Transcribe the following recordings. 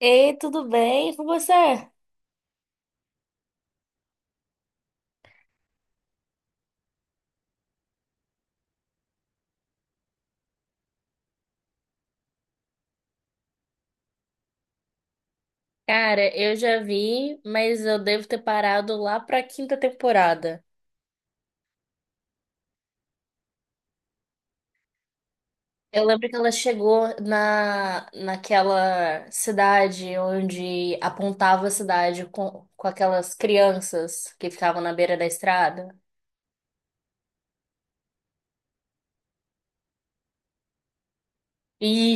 Ei, tudo bem? E com você? Cara, eu já vi, mas eu devo ter parado lá pra quinta temporada. Eu lembro que ela chegou naquela cidade onde apontava a cidade com aquelas crianças que ficavam na beira da estrada.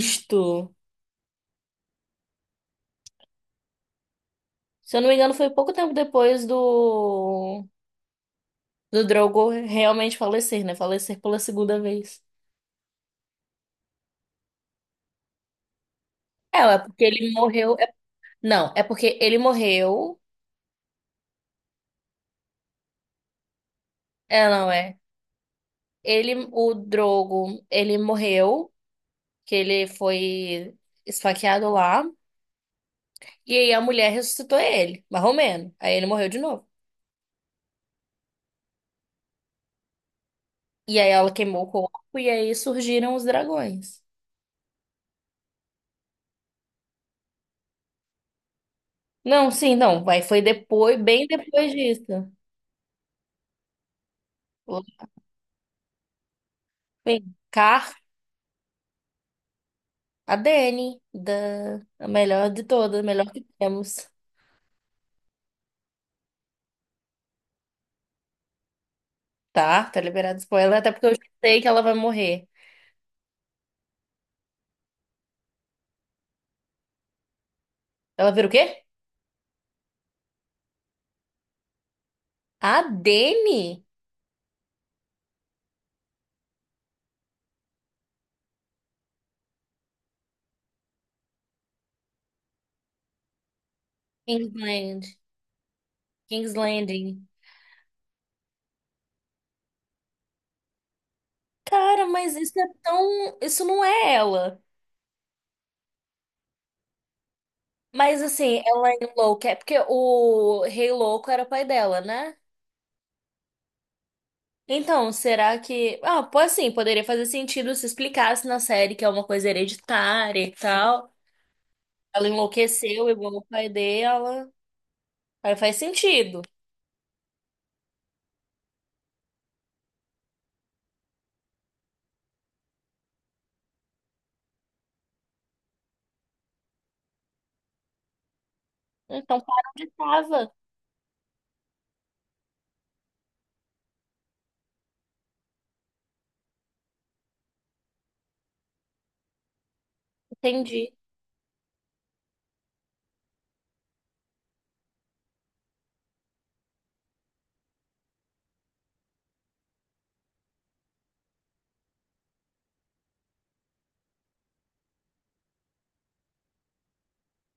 Isto! Se eu não me engano, foi pouco tempo depois do Drogo realmente falecer, né? Falecer pela segunda vez. É, é porque ele morreu. Não, é porque ele morreu. É, não, é. Ele, o Drogo, ele morreu, que ele foi esfaqueado lá. E aí a mulher ressuscitou ele, mais ou menos. Aí ele morreu de novo. E aí ela queimou o corpo e aí surgiram os dragões. Não, sim, não. Aí foi depois, bem depois disso. Bem, Car, a Dany, da, a melhor de todas, a melhor que temos. Tá, tá liberado spoiler, até porque eu já sei que ela vai morrer. Ela vira o quê? A Dany? Kingsland. Kingsland. Cara, mas isso é tão. Isso não é ela. Mas assim, ela enlouquece. Porque o Rei Louco era pai dela, né? Então, será que. Ah, pô, assim, poderia fazer sentido se explicasse na série que é uma coisa hereditária e tal. Ela enlouqueceu igual o pai dela. Aí faz sentido. Então, para onde tava. Entendi.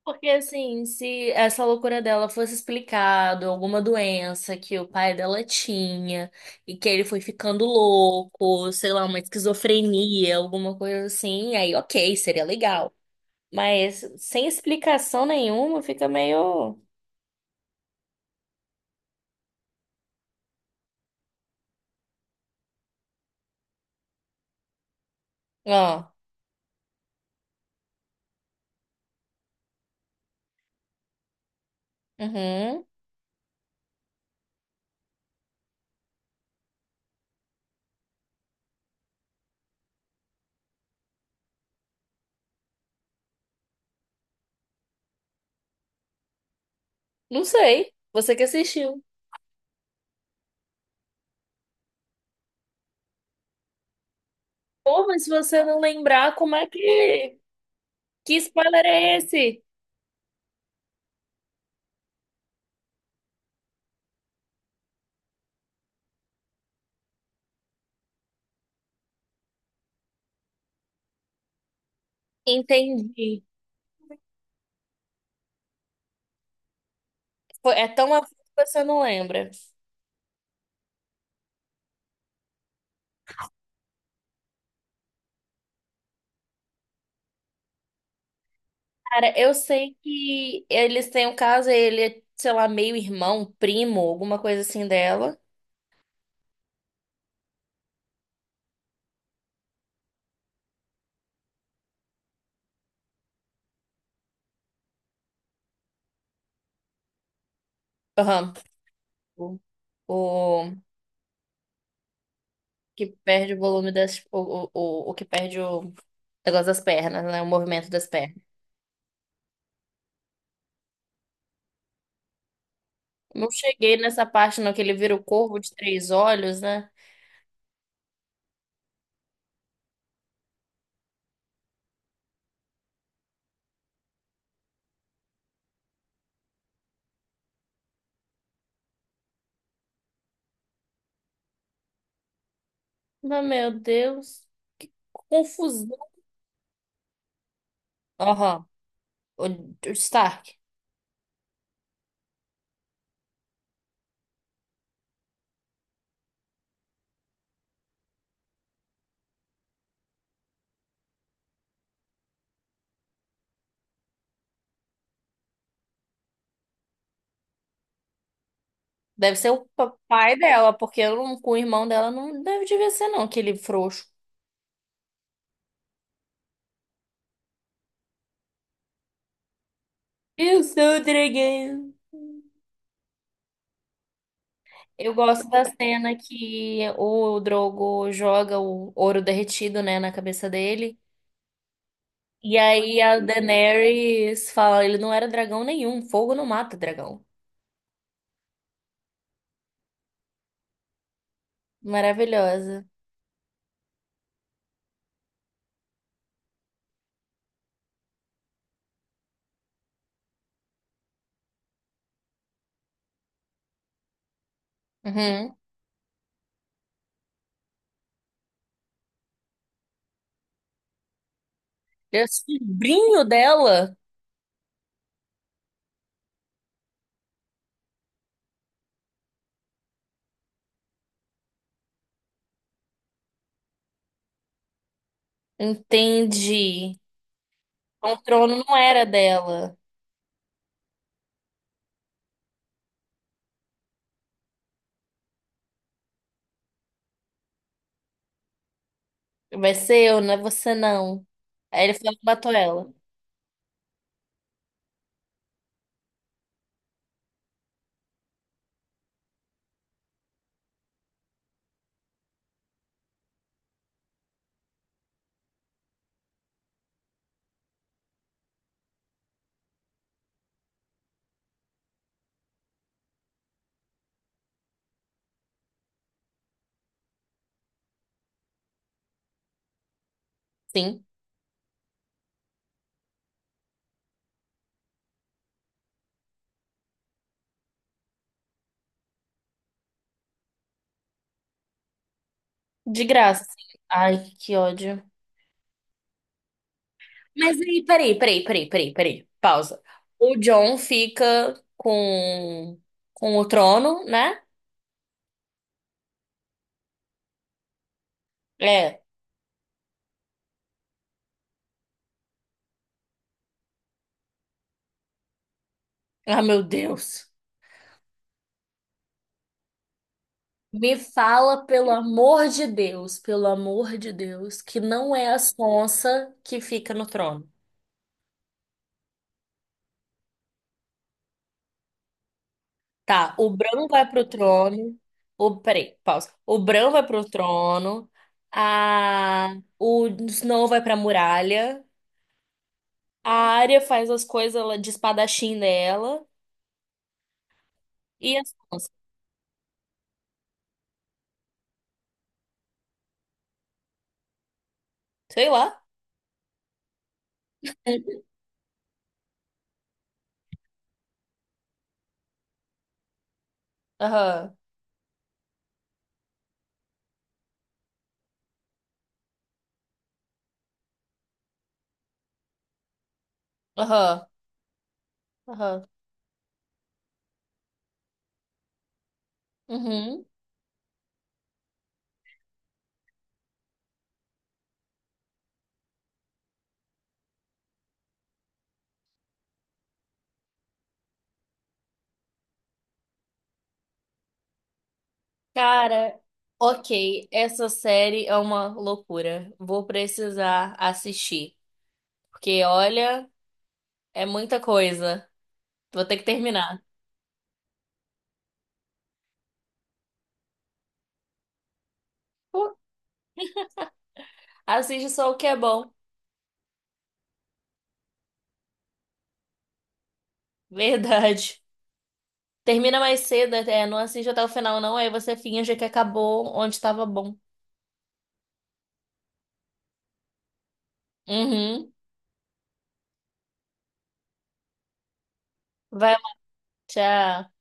Porque, assim, se essa loucura dela fosse explicado, alguma doença que o pai dela tinha e que ele foi ficando louco, sei lá, uma esquizofrenia, alguma coisa assim, aí ok, seria legal. Mas sem explicação nenhuma, fica meio. Ó, uhum, não sei, você que assistiu. Pô, mas se você não lembrar, como é que. Que spoiler é esse? Entendi. É tão a fundo que você não lembra. Cara, eu sei que eles têm um caso, ele é, sei lá, meio irmão, primo, alguma coisa assim dela. Aham. O, o que perde o volume das. O que perde o negócio das pernas, né? O movimento das pernas. Não cheguei nessa parte, não, que ele vira o corvo de três olhos, né? Mas, meu Deus, que confusão. Aham. O Stark. Deve ser o pai dela, porque eu não, com o irmão dela não deve devia ser, não, aquele frouxo. Eu sou o dragão. Eu gosto da cena que o Drogo joga o ouro derretido, né, na cabeça dele. E aí a Daenerys fala, ele não era dragão nenhum, fogo não mata dragão. Maravilhosa. Uhum. E o sobrinho dela, entende? O trono não era dela. Vai ser eu, não é você não. Aí ele falou que matou ela. Sim, de graça. Ai, que ódio. Mas aí, peraí, peraí, peraí, peraí, peraí. Pausa. O John fica com o trono, né? É. Ah, meu Deus. Me fala, pelo amor de Deus, pelo amor de Deus, que não é a Sonsa que fica no trono. Tá, o Bran vai pro trono. O, peraí, pausa. O Bran vai pro trono. A, o Snow vai pra muralha. A Arya faz as coisas lá de espadachim dela. E a Sonsa. Sei lá. Aham, aham, aham. Uhum. Cara, ok, essa série é uma loucura. Vou precisar assistir. Porque, olha, é muita coisa. Vou ter que terminar. Pô, assiste só o que é bom. Verdade. Termina mais cedo, é, não assiste até o final, não. Aí você finge que acabou onde estava bom. Uhum. Vai lá, tchau.